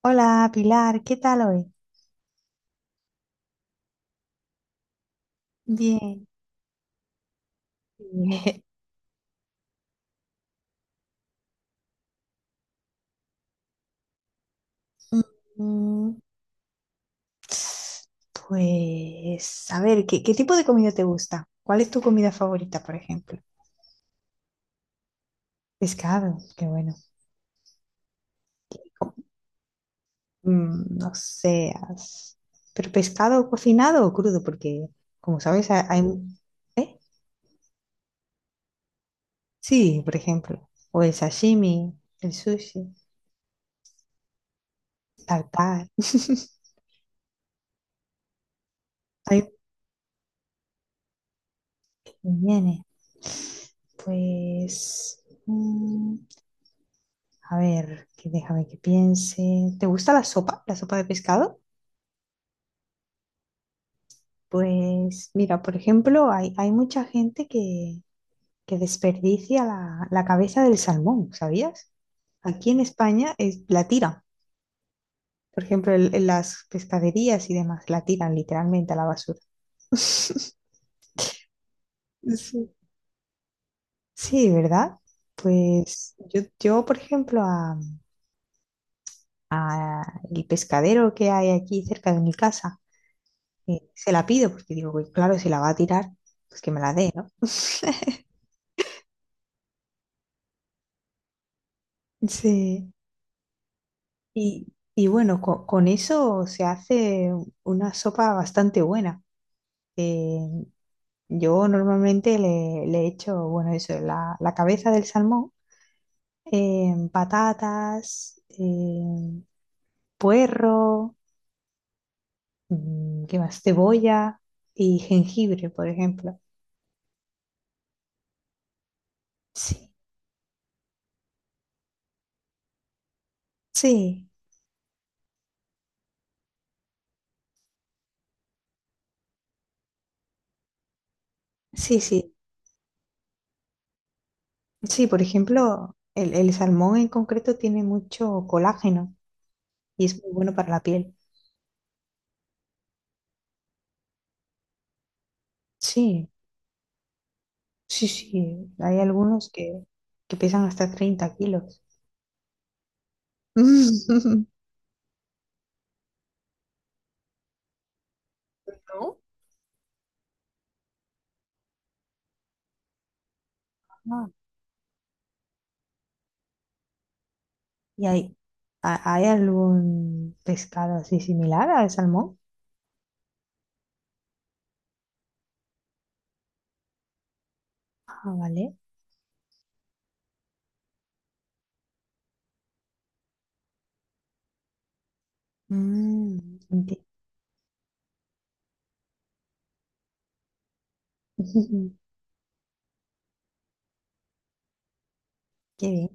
Hola Pilar, ¿qué tal hoy? Bien. Bien. Mm, Pues, a ver, ¿qué tipo de comida te gusta? ¿Cuál es tu comida favorita, por ejemplo? Pescado, qué bueno. Qué co- mm, no sé, as- Pero pescado cocinado o crudo, porque como sabes, hay... ¿Eh? Sí, por ejemplo. O el sashimi, el sushi, tartar, hay viene. Pues... mm, A ver, que déjame que piense. ¿Te gusta la sopa? ¿La sopa de pescado? Pues mira, por ejemplo, hay mucha gente que desperdicia la cabeza del salmón, ¿sabías? Aquí en España es, la tiran. Por ejemplo, en las pescaderías y demás, la tiran literalmente a la basura. Sí, sí, ¿verdad? Pues yo por ejemplo, a el pescadero que hay aquí cerca de mi casa, se la pido, porque digo, "Uy, claro, si la va a tirar, pues que me la dé, ¿no?" Sí. Y bueno, eso se hace una sopa bastante buena. Eh, yo normalmente le echo, bueno, eso, la cabeza del salmón, patatas, puerro, mm, ¿qué más? Cebolla y jengibre, por ejemplo. Sí, sí, sí, sí. Sí, por ejemplo, el salmón en concreto tiene mucho colágeno y es muy bueno para la piel. Sí, sí, sí. Hay algunos que pesan hasta 30 kilos. ¿No? Ah, ¿y hay, hay algún pescado así similar al salmón? Ah, vale. Mm, enti- Qué bien.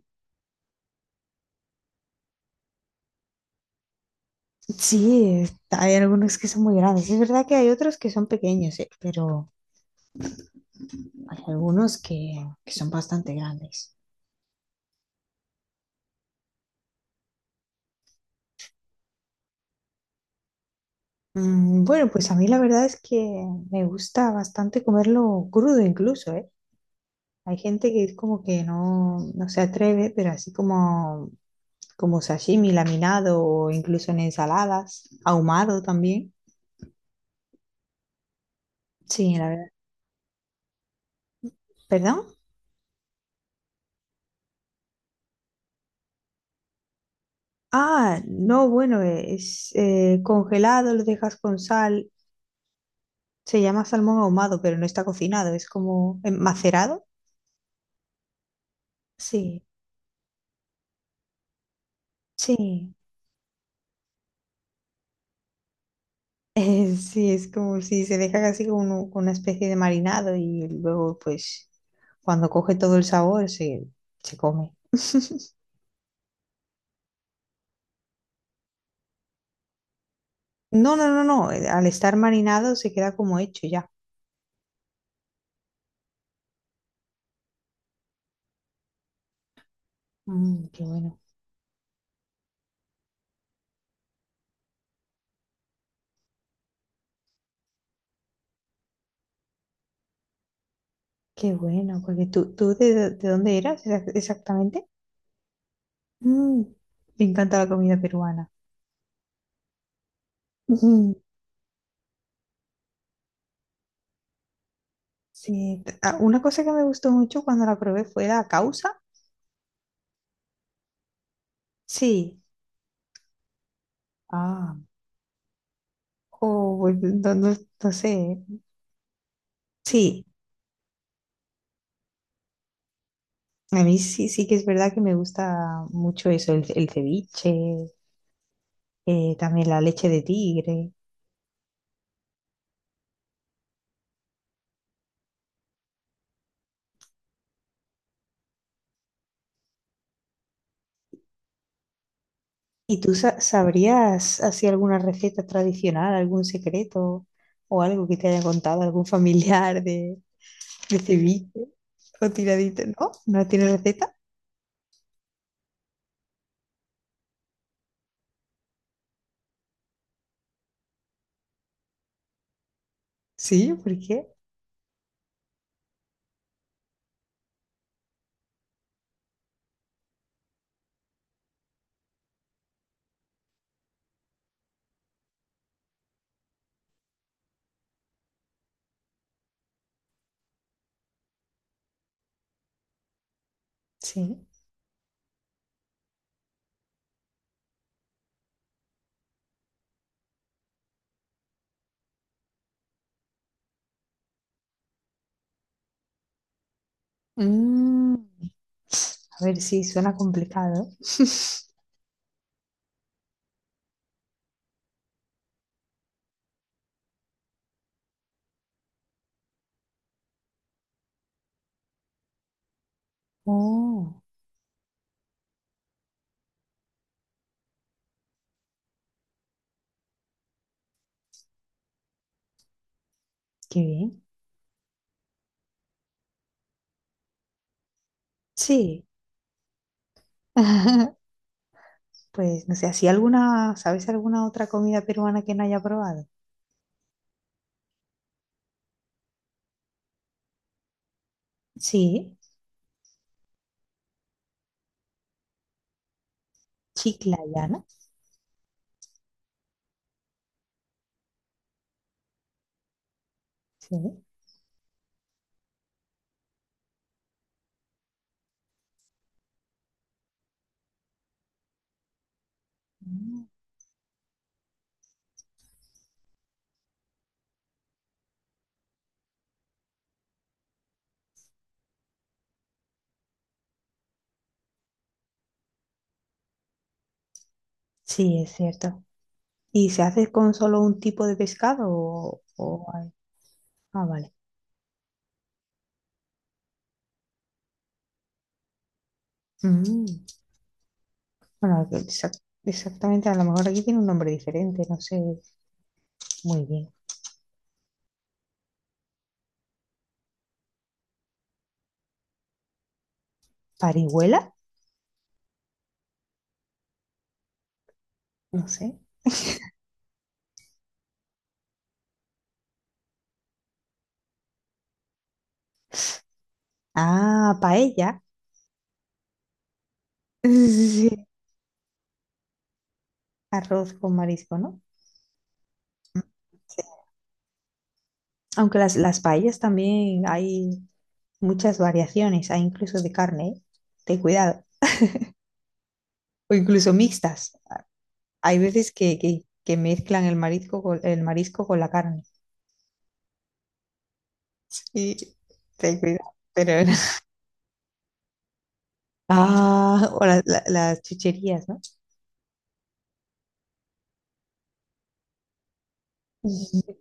Sí, hay algunos que son muy grandes. Es verdad que hay otros que son pequeños, pero hay algunos que son bastante grandes. Bueno, pues a mí la verdad es que me gusta bastante comerlo crudo incluso, ¿eh? Hay gente que es como que no, no se atreve, pero así como, como sashimi laminado o incluso en ensaladas, ahumado también. Sí, la verdad. ¿Perdón? Ah, no, bueno, es congelado, lo dejas con sal. Se llama salmón ahumado, pero no está cocinado, es como macerado. Sí, sí. Sí, es como si se deja casi como con una especie de marinado y luego pues cuando coge todo el sabor se, se come. No, no, no, no, al estar marinado se queda como hecho ya. Mm, qué bueno, porque tú, ¿tú de, de dónde eras exactamente? Mm, me encanta la comida peruana. Ujú, sí, ah, una cosa que me gustó mucho cuando la probé fue la causa. Sí, ah, oh, pues, no, no sé. ¿Eh? Sí. A mí sí, sí que es verdad que me gusta mucho eso, el ceviche, también la leche de tigre. ¿Y tú sabrías así alguna receta tradicional, algún secreto o algo que te haya contado algún familiar de ceviche o tiradito? ¿No? ¿No tiene receta? Sí, ¿por qué? Sí. Mm, a ver, sí, suena complicado. Oh, qué bien. Sí. Pues no sé, ¿así alguna, sabes alguna otra comida peruana que no haya probado? Sí, chiclayana, sí. Mm. Sí, es cierto. ¿Y se hace con solo un tipo de pescado o hay- Ah, vale. Mm. Bueno, que exactamente, a lo mejor aquí tiene un nombre diferente, no sé muy bien. ¿Parihuela? No sé. Ah, paella. Sí, sí. Arroz con marisco, ¿no? Aunque las paellas también hay, muchas variaciones, hay incluso de carne, ¿eh? Ten cuidado, o incluso mixtas. Hay veces que mezclan el marisco con la carne. Y ten cuidado. Pero, ah, o las chucherías, ¿no? Y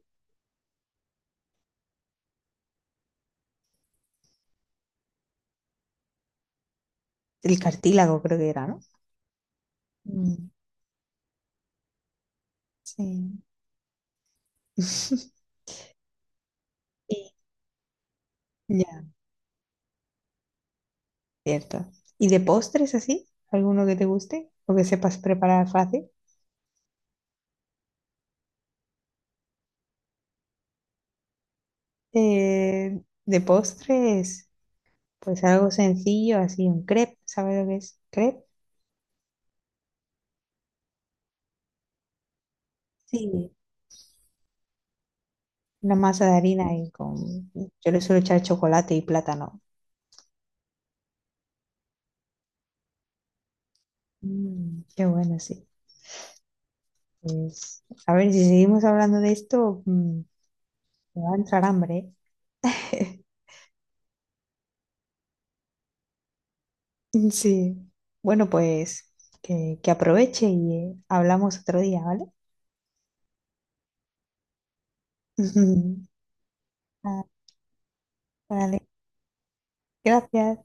el cartílago creo que era, ¿no? Mm, sí. Y- ya, cierto. ¿Y de postres así? ¿Alguno que te guste o que sepas preparar fácil? Eh, de postres. Pues algo sencillo, así un crepe, ¿sabes lo que es crepe? Sí. Una masa de harina y con... yo le suelo echar chocolate y plátano. Mm, qué bueno, sí. Pues, a ver, si seguimos hablando de esto, mm, me va a entrar hambre. ¿Eh? Sí. Bueno, pues que aproveche y hablamos otro día, ¿vale? Ah, vale, gracias.